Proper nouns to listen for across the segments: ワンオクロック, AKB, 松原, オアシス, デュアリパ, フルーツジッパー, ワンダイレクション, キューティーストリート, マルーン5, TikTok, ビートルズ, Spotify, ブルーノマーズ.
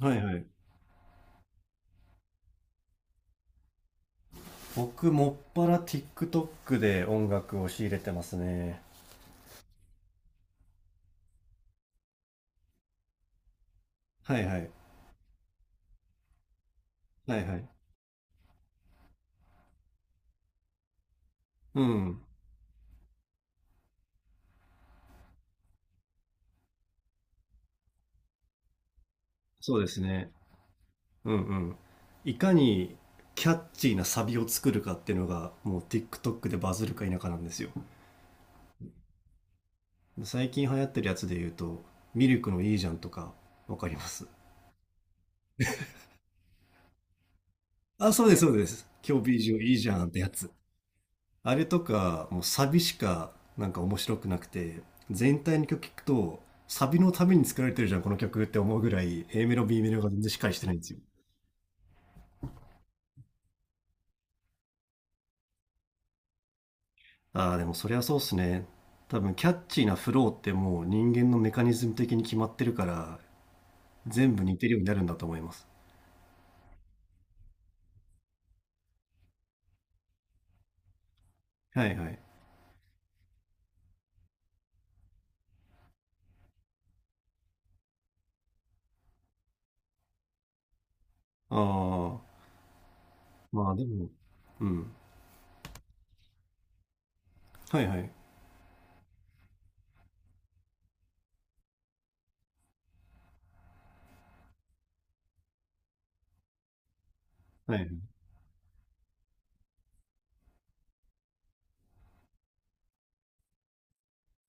はいはい。僕、もっぱら TikTok で音楽を仕入れてますね。はいはい。はいはい。うん。そうですね。うんうん。いかにキャッチーなサビを作るかっていうのが、もう TikTok でバズるか否かなんですよ。最近流行ってるやつで言うと、ミルクのいいじゃんとか、わかります。あ、そうです、そうです。今日ビージュいいじゃんってやつ。あれとか、もうサビしかなんか面白くなくて、全体の曲聞くと、サビのために作られてるじゃん、この曲って思うぐらい、A メロ、B メロが全然しっかりしてないんですよ。ああ、でもそりゃそうっすね。多分、キャッチーなフローってもう人間のメカニズム的に決まってるから、全部似てるようになるんだと思います。はいはい。ああ、まあでも、うん。はいはい。はいはい。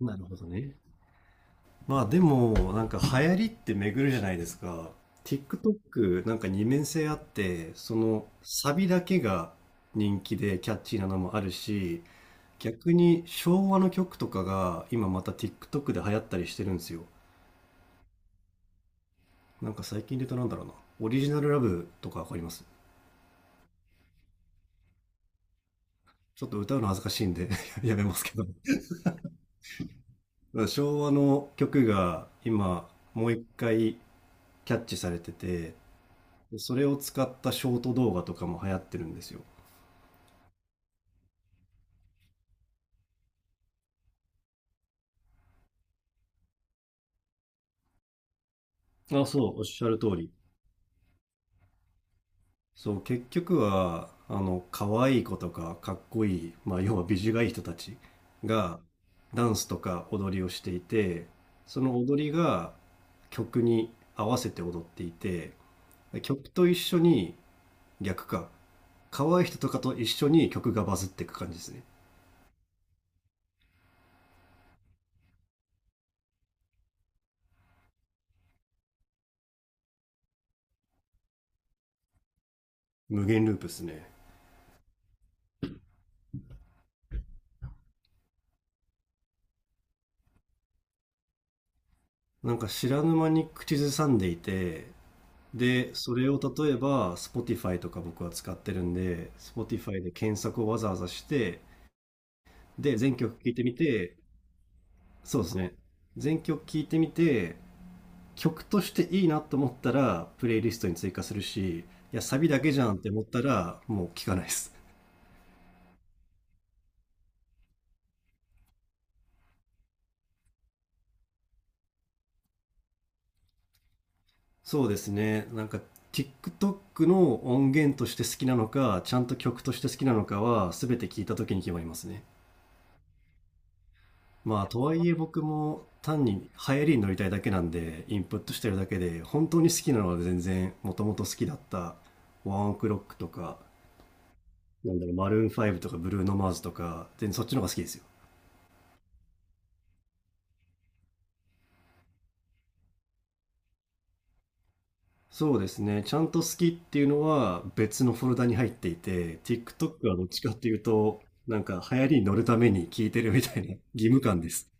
なるほどね。まあでもなんか流行りって巡るじゃないですか。 TikTok なんか二面性あって、そのサビだけが人気でキャッチーなのもあるし、逆に昭和の曲とかが今また TikTok で流行ったりしてるんですよ。なんか最近で言うとなんだろうな、オリジナルラブとかわかります？ちょっと歌うの恥ずかしいんで やめますけど、昭和の曲が今もう一回キャッチされてて、でそれを使ったショート動画とかも流行ってるんですよ。あ、そう、おっしゃる通り。そう、結局は、あの、可愛い子とか、かっこいい、まあ、要は美女がいい人たちが、ダンスとか踊りをしていて、その踊りが曲に合わせて踊っていて、曲と一緒に、逆か、可愛い人とかと一緒に曲がバズっていく感じですね。無限ループですね。なんか知らぬ間に口ずさんでいて、で、それを例えば Spotify とか僕は使ってるんで、Spotify で検索をわざわざして、で、全曲聴いてみて、そうですね。全曲聴いてみて、曲としていいなと思ったら、プレイリストに追加するし、いや、サビだけじゃんって思ったら、もう聴かないです。そうですね。なんか、TikTok の音源として好きなのか、ちゃんと曲として好きなのかは、全て聴いた時に決まりますね。まあ、とはいえ僕も単に流行りに乗りたいだけなんで、インプットしてるだけで、本当に好きなのは全然、もともと好きだった、ワンオクロックとか、なんだろう、マルーン5とかブルーノマーズとか、全然そっちの方が好きですよ。そうですね。ちゃんと好きっていうのは別のフォルダに入っていて、TikTok はどっちかっていうと、なんか流行りに乗るために聞いてるみたいな義務感です。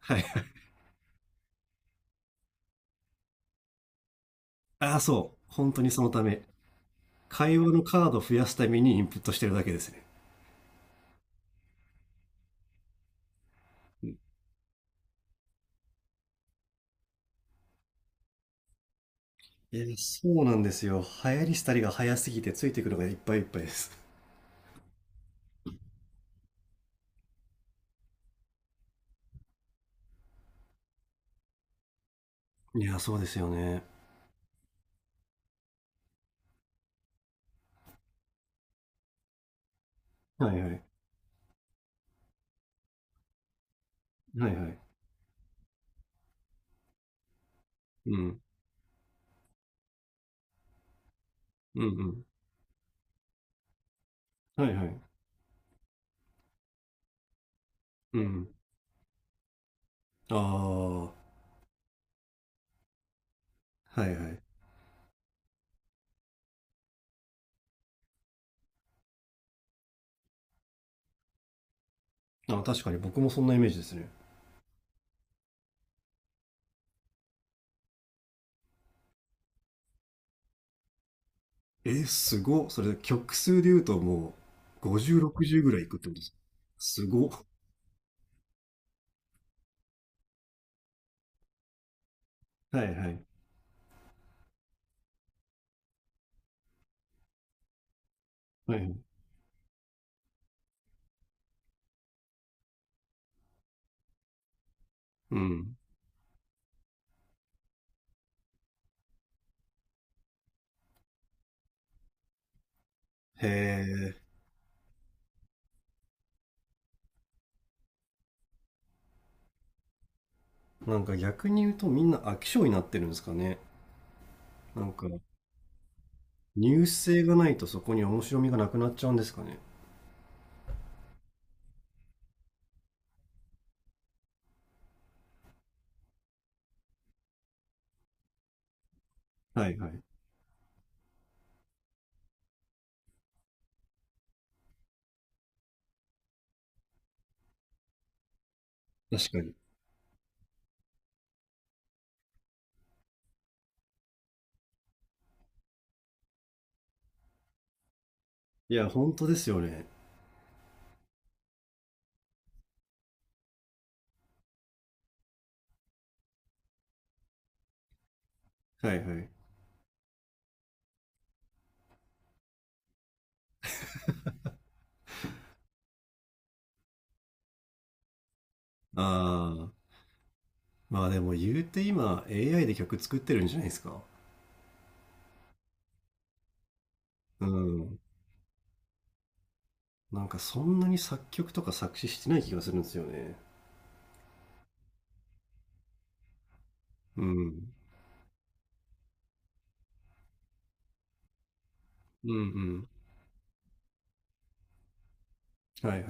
はい。ああ、そう。本当にそのため。会話のカード増やすためにインプットしてるだけですね。いや、そうなんですよ。流行りしたりが早すぎてついてくるのがいっぱいいっぱいです。いや、そうですよね。はいはい。はいはい。うん。うんうん。はいはい。うん。ああ。はいはい。あ、確かに僕もそんなイメージですね。え、すごっ。それ、曲数で言うともう、50、60ぐらいいくってことですか。すごっ。はいはい。はい。うん。へえ。なんか逆に言うとみんな飽き性になってるんですかね。なんか、ニュース性がないとそこに面白みがなくなっちゃうんですかね。はいはい。確かに。いや、本当ですよね。はいはい。ああ。まあでも言うて今、AI で曲作ってるんじゃないですか。うん。なんかそんなに作曲とか作詞してない気がするんですよね。うん。うんうん。はいはい。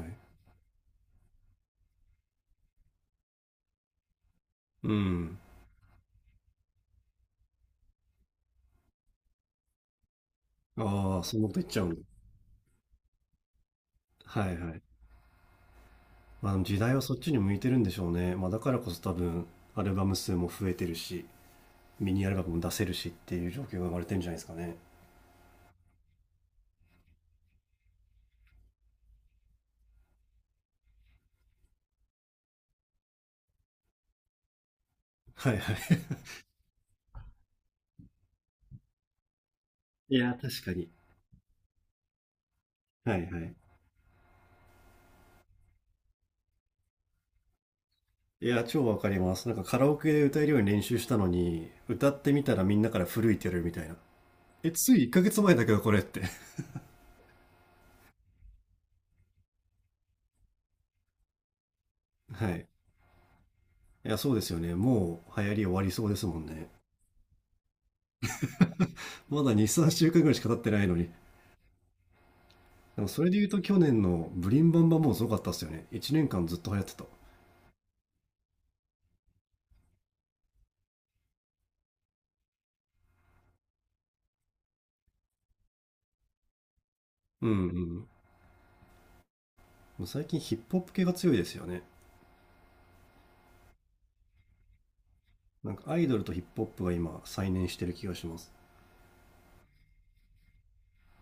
うん。ああ、そんなこと言っちゃうんだ。はいはい。まあ、あの時代はそっちに向いてるんでしょうね。まあ、だからこそ多分、アルバム数も増えてるし、ミニアルバムも出せるしっていう状況が生まれてるんじゃないですかね。はいはい。いや、確かに。はいはい。いや、超わかります。なんかカラオケで歌えるように練習したのに、歌ってみたらみんなから古いって言われるみたいな。え、つい1ヶ月前だけどこれって。はい。いや、そうですよね。もう流行り終わりそうですもんね。まだ2、3週間ぐらいしか経ってないのに。でもそれで言うと去年のブリンバンバンもすごかったっすよね。1年間ずっと流行ってた。うんうん。もう最近ヒップホップ系が強いですよね。なんかアイドルとヒップホップが今再燃してる気がします。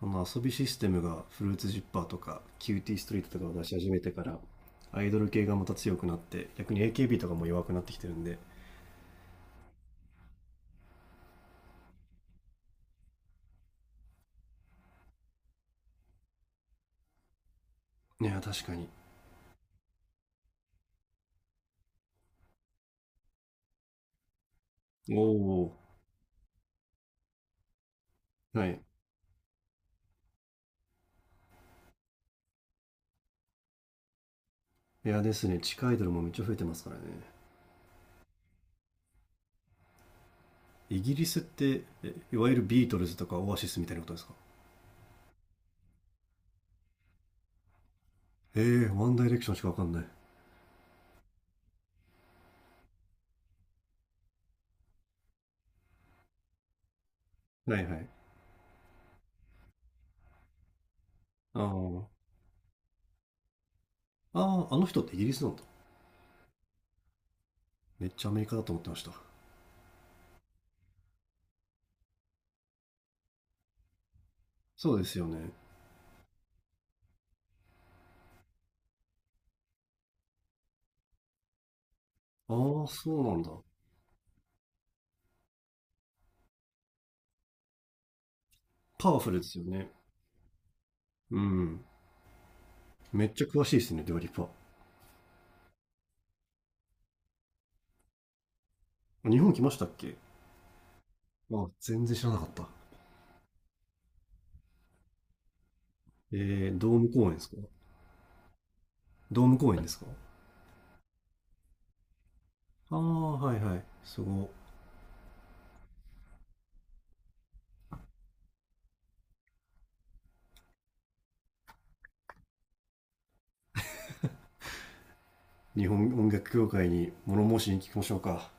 あの遊びシステムがフルーツジッパーとかキューティーストリートとかを出し始めてから、アイドル系がまた強くなって逆に AKB とかも弱くなってきてるんで。いや、確かに。おお。はい。いやですね。地下アイドルもめっちゃ増えてますからね。イギリスっていわゆるビートルズとかオアシスみたいなことですか？えー、ワンダイレクションしかわかんない。はいはい。あー。あー、あの人ってイギリスなんだ。めっちゃアメリカだと思ってました。そうですよね。ああー、そうなんだ。パワフルですよね。うん。めっちゃ詳しいですねデュアリパ。日本来ましたっけ？あ、全然知らなかった。えー、ドーム公演ですか？ドーム公演ですか？ああー、はいはい、すごい。日本音楽協会に物申しに聞きましょうか？